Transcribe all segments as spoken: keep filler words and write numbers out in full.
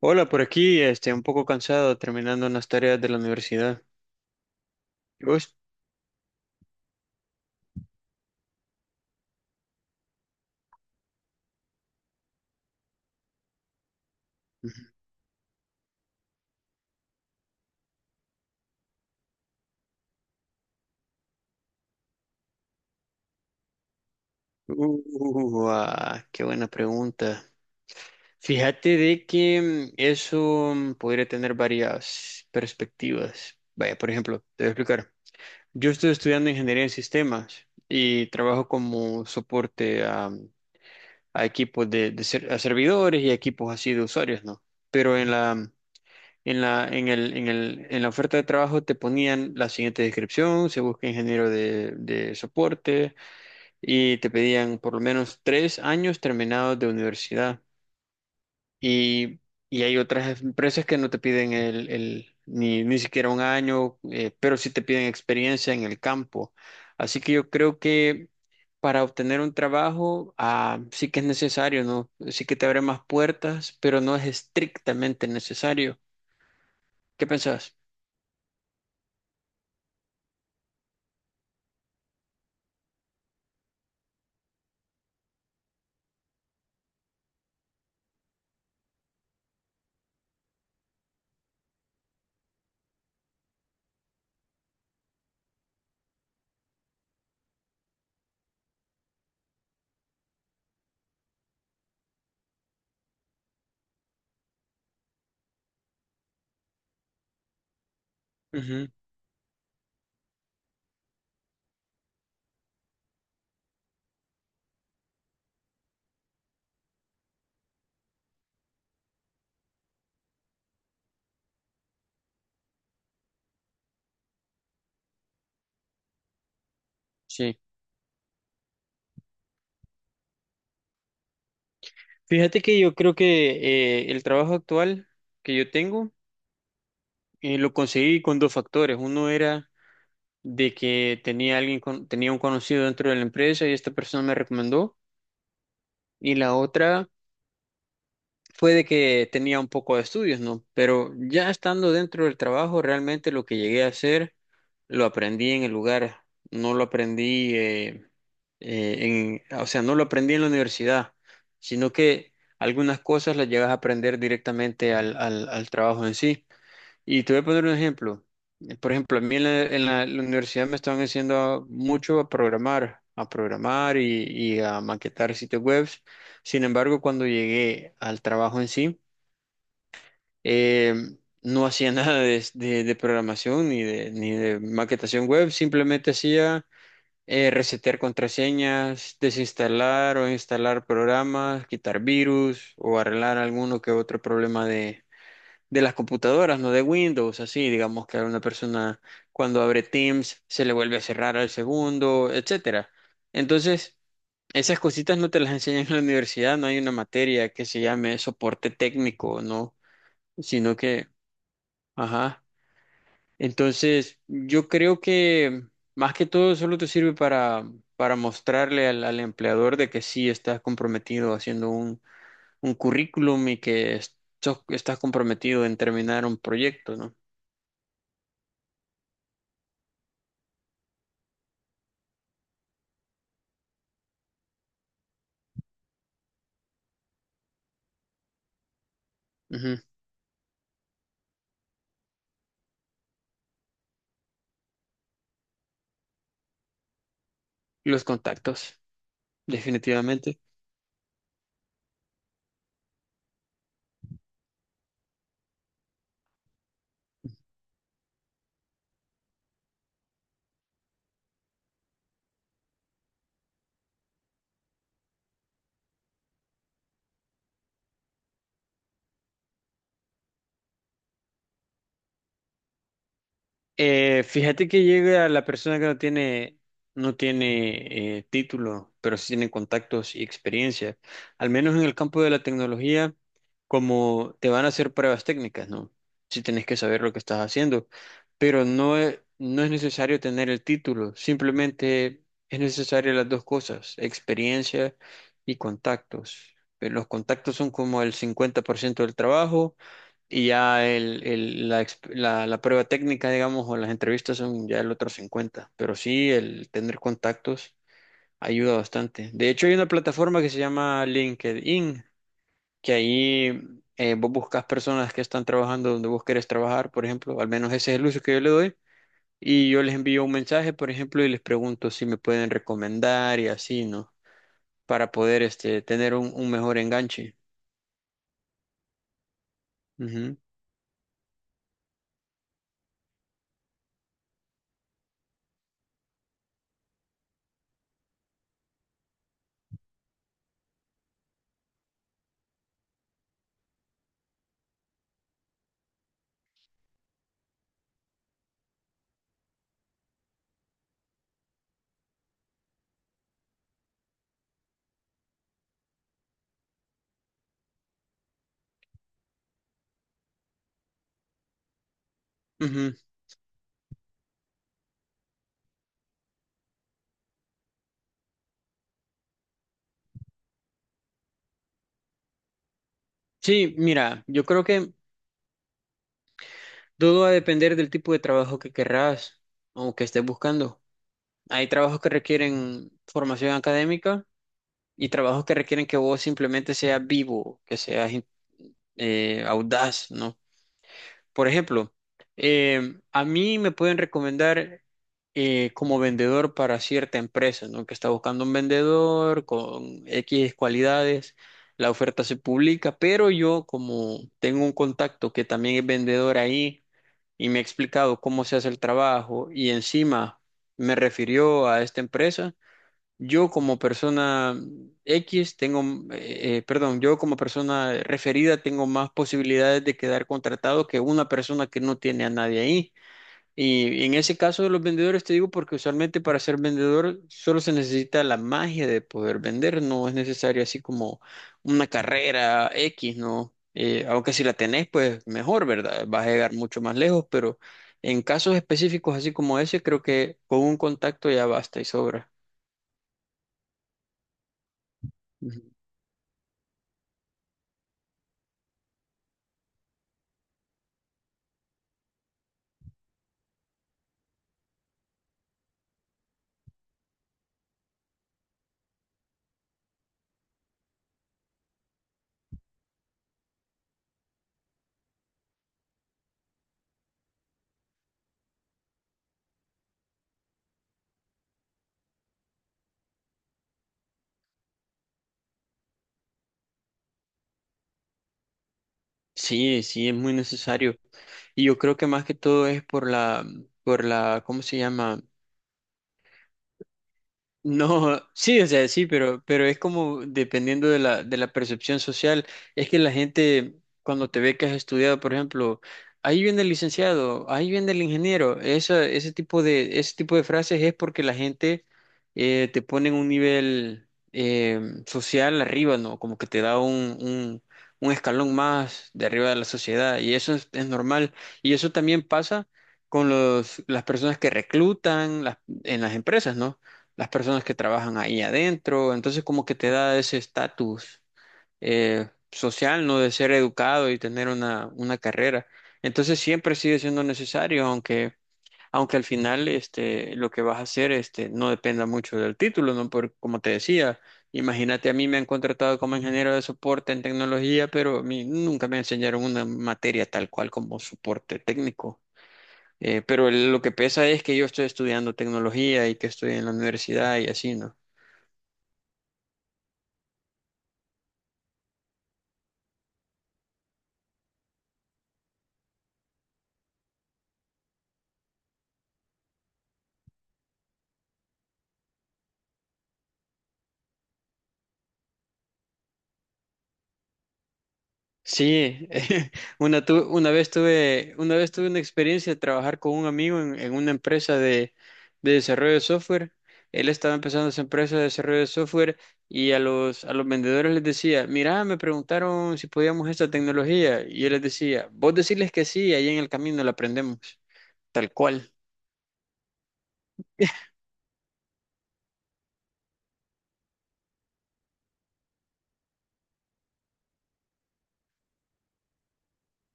Hola, por aquí, este, un poco cansado terminando unas tareas de la universidad. ¿Y vos? Ujú. Uh, ah, qué buena pregunta. Fíjate de que mm, eso mm, podría tener varias perspectivas. Vaya, por ejemplo, te voy a explicar. Yo estoy estudiando ingeniería en sistemas y trabajo como soporte a, a equipos de, de ser- a servidores y equipos así de usuarios, ¿no? Pero en la En la, en el, en el, en la oferta de trabajo te ponían la siguiente descripción, se busca ingeniero de, de soporte y te pedían por lo menos tres años terminados de universidad. Y, y hay otras empresas que no te piden el, el- ni, ni siquiera un año, eh, pero sí te piden experiencia en el campo. Así que yo creo que para obtener un trabajo, ah, sí que es necesario, ¿no? Sí que te abre más puertas, pero no es estrictamente necesario. ¿Qué pensás? Sí, fíjate que yo creo que eh, el trabajo actual que yo tengo eh, lo conseguí con dos factores. Uno era de que tenía alguien con- tenía un conocido dentro de la empresa y esta persona me recomendó. Y la otra fue de que tenía un poco de estudios, ¿no? Pero ya estando dentro del trabajo, realmente lo que llegué a hacer lo aprendí en el lugar, no lo aprendí eh, eh, en, o sea, no lo aprendí en la universidad, sino que algunas cosas las llegas a aprender directamente al, al, al trabajo en sí. Y te voy a poner un ejemplo. Eh, Por ejemplo, a mí en la, en la- la universidad me estaban enseñando mucho a programar, a programar y, y a maquetar sitios web. Sin embargo, cuando llegué al trabajo en sí, eh, no hacía nada de, de- de programación ni de, ni de maquetación web, simplemente hacía eh, resetear contraseñas, desinstalar o instalar programas, quitar virus o arreglar alguno que otro problema de las computadoras, no de Windows, así, digamos que a una persona cuando abre Teams se le vuelve a cerrar al segundo, etcétera. Entonces, esas cositas no te las enseñan en la universidad, no hay una materia que se llame soporte técnico, ¿no? Sino que, ajá. Entonces, yo creo que más que todo solo te sirve para, para mostrarle al, al empleador de que sí estás comprometido haciendo un, un currículum y que es- sos- estás comprometido en terminar un proyecto, ¿no? Ujú. Los contactos, definitivamente. Eh, fíjate que llega la persona que no tiene, no tiene eh, título, pero sí tiene contactos y experiencia. Al menos en el campo de la tecnología, como te van a hacer pruebas técnicas, ¿no? Si tenés que saber lo que estás haciendo, pero no es, no es necesario tener el título, simplemente es necesario las dos cosas, experiencia y contactos. Eh, Los contactos son como el cincuenta por ciento del trabajo. Y ya el, el- la, exp- la- la prueba técnica, digamos, o las entrevistas son ya el otro cincuenta. Pero sí, el tener contactos ayuda bastante. De hecho, hay una plataforma que se llama LinkedIn, que ahí eh, vos buscas personas que están trabajando donde vos querés trabajar, por ejemplo. Al menos ese es el uso que yo le doy. Y yo les envío un mensaje, por ejemplo, y les pregunto si me pueden recomendar y así, ¿no? Para poder este, tener un, un mejor enganche. Ujú, ujú. Sí, mira, yo creo que todo va a depender del tipo de trabajo que querrás o que estés buscando. Hay trabajos que requieren formación académica y trabajos que requieren que vos simplemente seas vivo, que seas in- eh, audaz, ¿no? Por ejemplo, eh, a mí me pueden recomendar eh, como vendedor para cierta empresa, ¿no? Que está buscando un vendedor con X cualidades. La oferta se publica, pero yo como tengo un contacto que también es vendedor ahí, y me ha explicado cómo se hace el trabajo y encima me refirió a esta empresa, yo como persona X tengo, eh, eh, perdón, yo como persona referida tengo más posibilidades de quedar contratado que una persona que no tiene a nadie ahí. Y en ese caso de los vendedores te digo porque usualmente para ser vendedor solo se necesita la magia de poder vender, no es necesario así como una carrera X, ¿no? Eh, aunque si la tenés, pues mejor, ¿verdad? Vas a llegar mucho más lejos, pero en casos específicos así como ese, creo que con un contacto ya basta y sobra. Ujú. Sí, sí, es muy necesario. Y yo creo que más que todo es por la, por la, ¿cómo se llama? No, sí, o sea, sí, pero, pero es como dependiendo de la, de la percepción social. Es que la gente, cuando te ve que has estudiado, por ejemplo, ahí viene el licenciado, ahí viene el ingeniero, esa- ese tipo de, ese tipo de frases es porque la gente eh, te pone en un nivel eh, social arriba, ¿no? Como que te da un, un, un escalón más de arriba de la sociedad. Y eso es, es normal. Y eso también pasa con los, las personas que reclutan las- en las empresas, ¿no? Las personas que trabajan ahí adentro, entonces como que te da ese estatus eh, social, ¿no? De ser educado y tener una, una carrera. Entonces siempre sigue siendo necesario, aunque, aunque al final este, lo que vas a hacer este, no dependa mucho del título, ¿no? Porque como te decía, imagínate, a mí me han contratado como ingeniero de soporte en tecnología, pero a mí nunca me enseñaron una materia tal cual como soporte técnico. Eh, pero lo que pesa es que yo estoy estudiando tecnología y que estoy en la universidad y así, ¿no? Sí, una, tu- una vez tuve, una vez tuve una experiencia de trabajar con un amigo en, en una empresa de, de desarrollo de software. Él estaba empezando su empresa de desarrollo de software y a los, a los vendedores les decía, mira, me preguntaron si podíamos esta tecnología. Y yo les decía, vos decirles que sí, ahí en el camino la aprendemos, tal cual.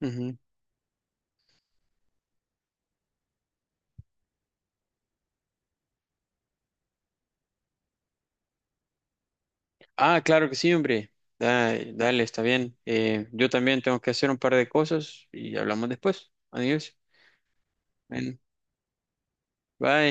Ujú. Ah, claro que sí, hombre. Dale, dale, está bien. Eh, yo también tengo que hacer un par de cosas y hablamos después. Adiós. Bueno, bye.